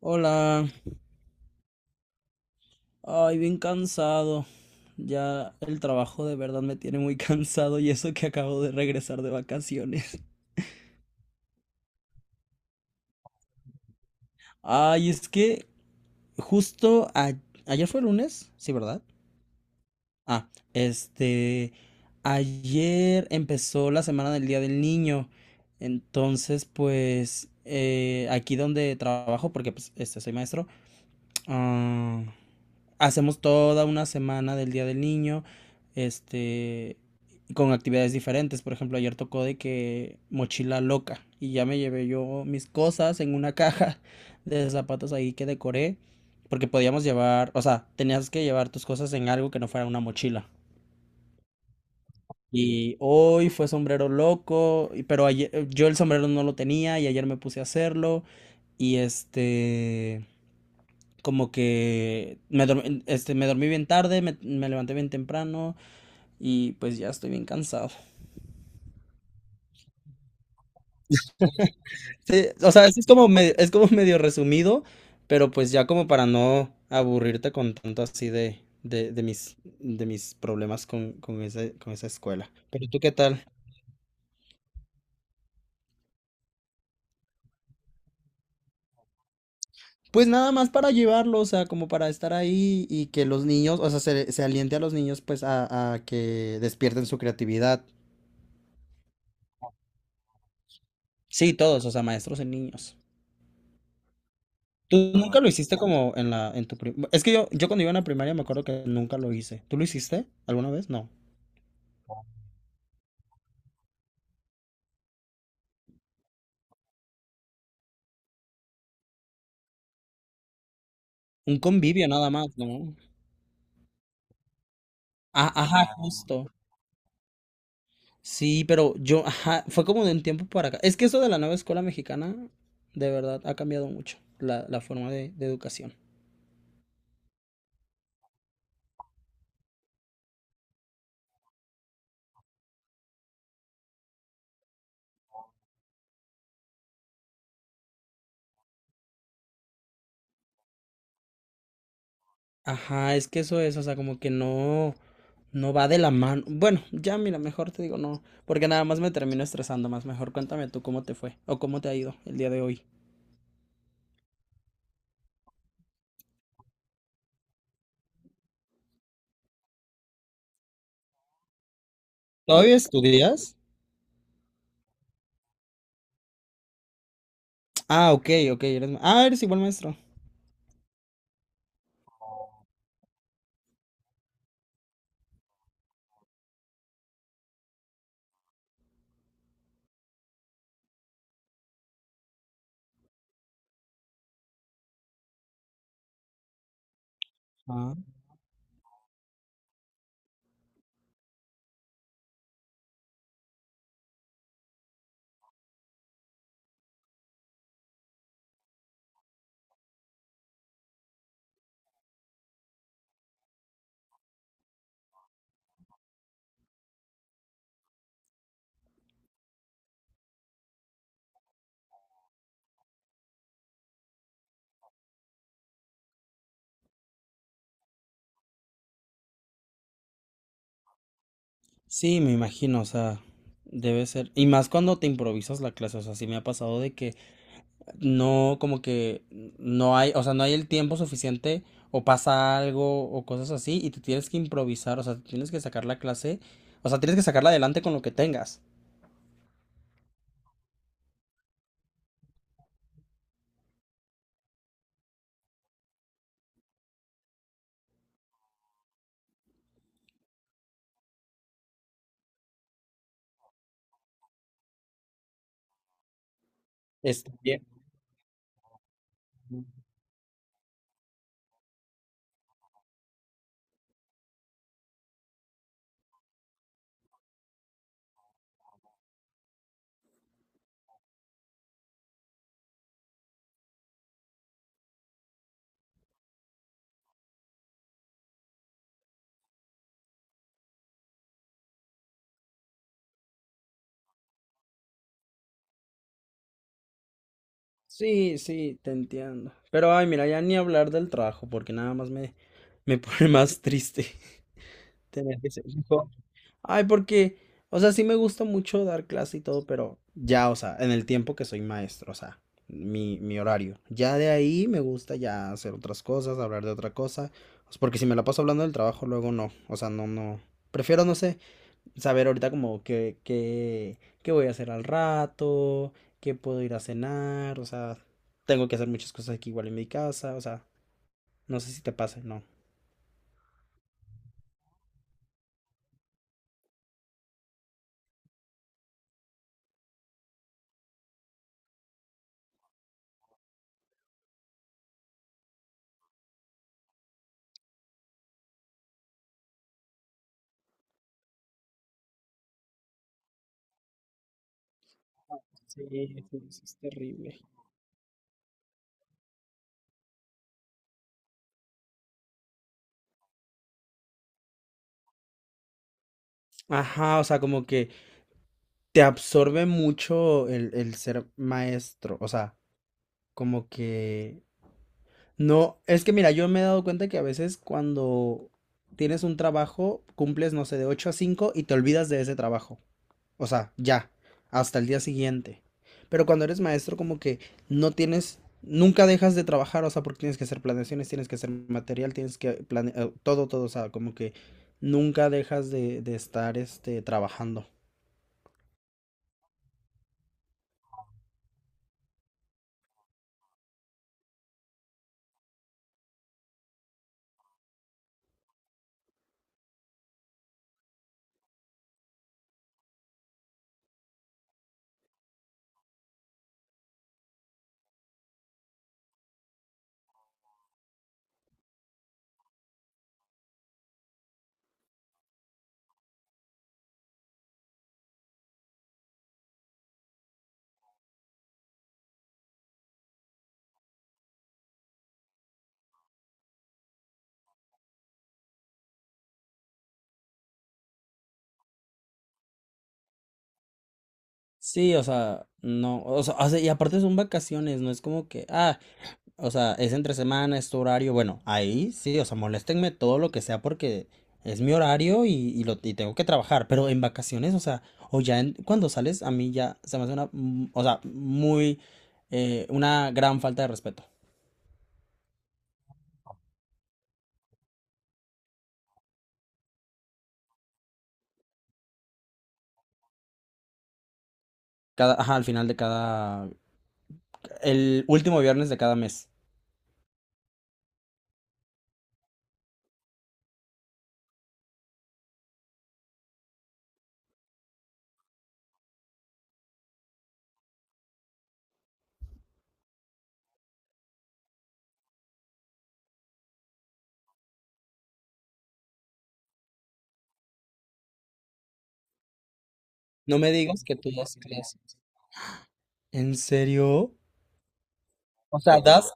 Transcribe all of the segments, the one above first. Hola, ay, bien cansado. Ya el trabajo de verdad me tiene muy cansado y eso que acabo de regresar de vacaciones. Ay, es que justo ayer fue lunes, sí, ¿verdad? Ah, este, ayer empezó la semana del Día del Niño. Entonces, pues, aquí donde trabajo, porque pues, soy maestro, hacemos toda una semana del Día del Niño, este, con actividades diferentes. Por ejemplo, ayer tocó de que mochila loca y ya me llevé yo mis cosas en una caja de zapatos ahí que decoré, porque podíamos llevar, o sea, tenías que llevar tus cosas en algo que no fuera una mochila. Y hoy fue sombrero loco, pero ayer, yo el sombrero no lo tenía y ayer me puse a hacerlo. Y como que me dormí, me dormí bien tarde, me levanté bien temprano y pues ya estoy bien cansado. Sí, o sea, eso es como es como medio resumido, pero pues ya como para no aburrirte con tanto así de mis problemas con esa escuela. Pero tú, ¿qué tal? Pues nada más para llevarlo, o sea, como para estar ahí y que los niños, o sea, se aliente a los niños pues a que despierten su creatividad. Sí, todos, o sea, maestros y niños. ¿Tú nunca lo hiciste como en la, en tu Es que yo cuando iba en la primaria me acuerdo que nunca lo hice. ¿Tú lo hiciste alguna vez? No. Un convivio nada más, ¿no? Ah, ajá, justo. Sí, pero yo, ajá, fue como de un tiempo para acá. Es que eso de la nueva escuela mexicana, de verdad, ha cambiado mucho la forma de educación. Ajá, es que eso es, o sea, como que no, no va de la mano. Bueno, ya mira, mejor te digo no, porque nada más me termino estresando más. Mejor cuéntame tú cómo te fue o cómo te ha ido el día de hoy. ¿Todavía estudias? Ah, ok, ok. Ah, eres igual maestro. Ah. Sí, me imagino, o sea, debe ser. Y más cuando te improvisas la clase, o sea, sí me ha pasado de que no, como que no hay, o sea, no hay el tiempo suficiente o pasa algo o cosas así y te tienes que improvisar, o sea, tienes que sacar la clase, o sea, tienes que sacarla adelante con lo que tengas. Está bien. Sí, sí, te entiendo. Pero, ay, mira, ya ni hablar del trabajo porque nada más me pone más triste. Tener que ser. Ay, porque, o sea, sí me gusta mucho dar clase y todo, pero ya, o sea, en el tiempo que soy maestro, o sea, mi horario. Ya de ahí me gusta ya hacer otras cosas, hablar de otra cosa, pues, porque si me la paso hablando del trabajo, luego no, o sea, no, no. Prefiero, no sé, saber ahorita como qué voy a hacer al rato, qué puedo ir a cenar, o sea, tengo que hacer muchas cosas aquí igual en mi casa, o sea, no sé si te pase, no. Sí, sí, sí, es terrible. Ajá, o sea, como que te absorbe mucho el ser maestro, o sea, como que no, es que mira, yo me he dado cuenta que a veces cuando tienes un trabajo, cumples, no sé, de 8 a 5 y te olvidas de ese trabajo, o sea, ya, hasta el día siguiente. Pero cuando eres maestro, como que no tienes, nunca dejas de trabajar, o sea, porque tienes que hacer planeaciones, tienes que hacer material, tienes que planear, todo, todo, o sea, como que nunca dejas de estar, trabajando. Sí, o sea, no, o sea, y aparte son vacaciones, no es como que, ah, o sea, es entre semana, es tu horario, bueno, ahí sí, o sea, moléstenme todo lo que sea porque es mi horario y tengo que trabajar, pero en vacaciones, o sea, o ya cuando sales, a mí ya se me hace una, o sea, muy, una gran falta de respeto. Ajá, al final de cada, el último viernes de cada mes. No me digas que tú das clases. ¿En serio? O sea, das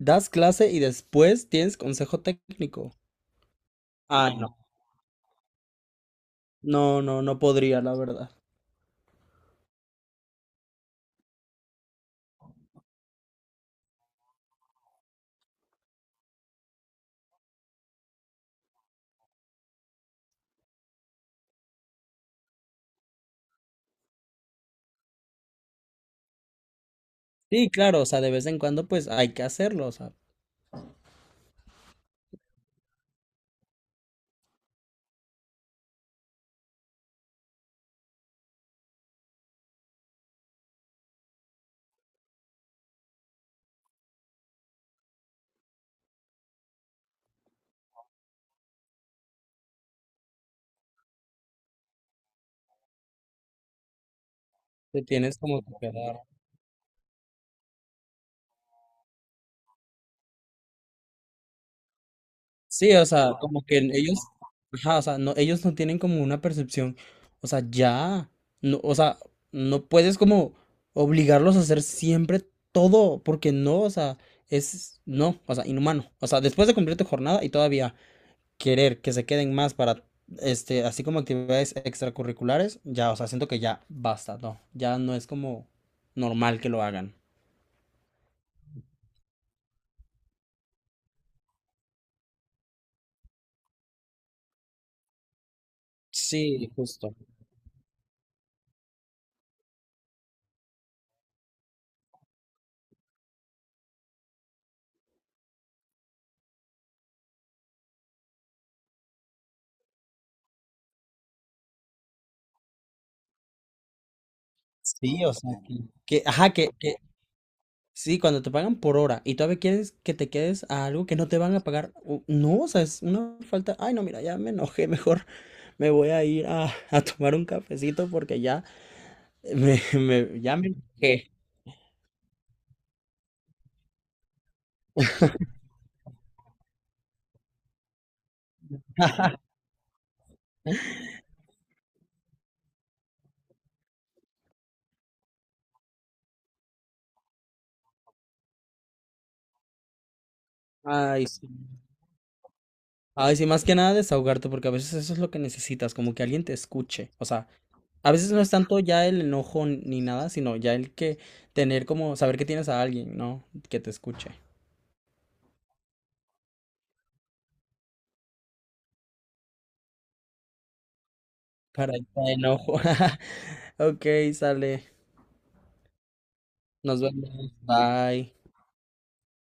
Das clase y después tienes consejo técnico. Ay, no. No, no, no podría, la verdad. Sí, claro, o sea, de vez en cuando pues hay que hacerlo, o sea, te tienes como que quedar. Sí, o sea, como que ellos, ajá, o sea, no, ellos no tienen como una percepción, o sea, ya, no, o sea, no puedes como obligarlos a hacer siempre todo, porque no, o sea, es, no, o sea, inhumano, o sea, después de cumplir tu jornada y todavía, querer que se queden más para, así como actividades extracurriculares, ya, o sea, siento que ya basta, no, ya no es como normal que lo hagan. Sí, justo. Sí, o sea, ajá, sí, cuando te pagan por hora y todavía quieres que te quedes a algo que no te van a pagar, no, o sea, es una falta, ay, no, mira, ya me enojé, mejor me voy a ir a tomar un cafecito porque ya ya me enojé. Ay, sí. Ay, sí, más que nada desahogarte, porque a veces eso es lo que necesitas, como que alguien te escuche. O sea, a veces no es tanto ya el enojo ni nada, sino ya el que tener como saber que tienes a alguien, ¿no? Que te escuche. Para el enojo. Ok, sale. Nos vemos. Bye.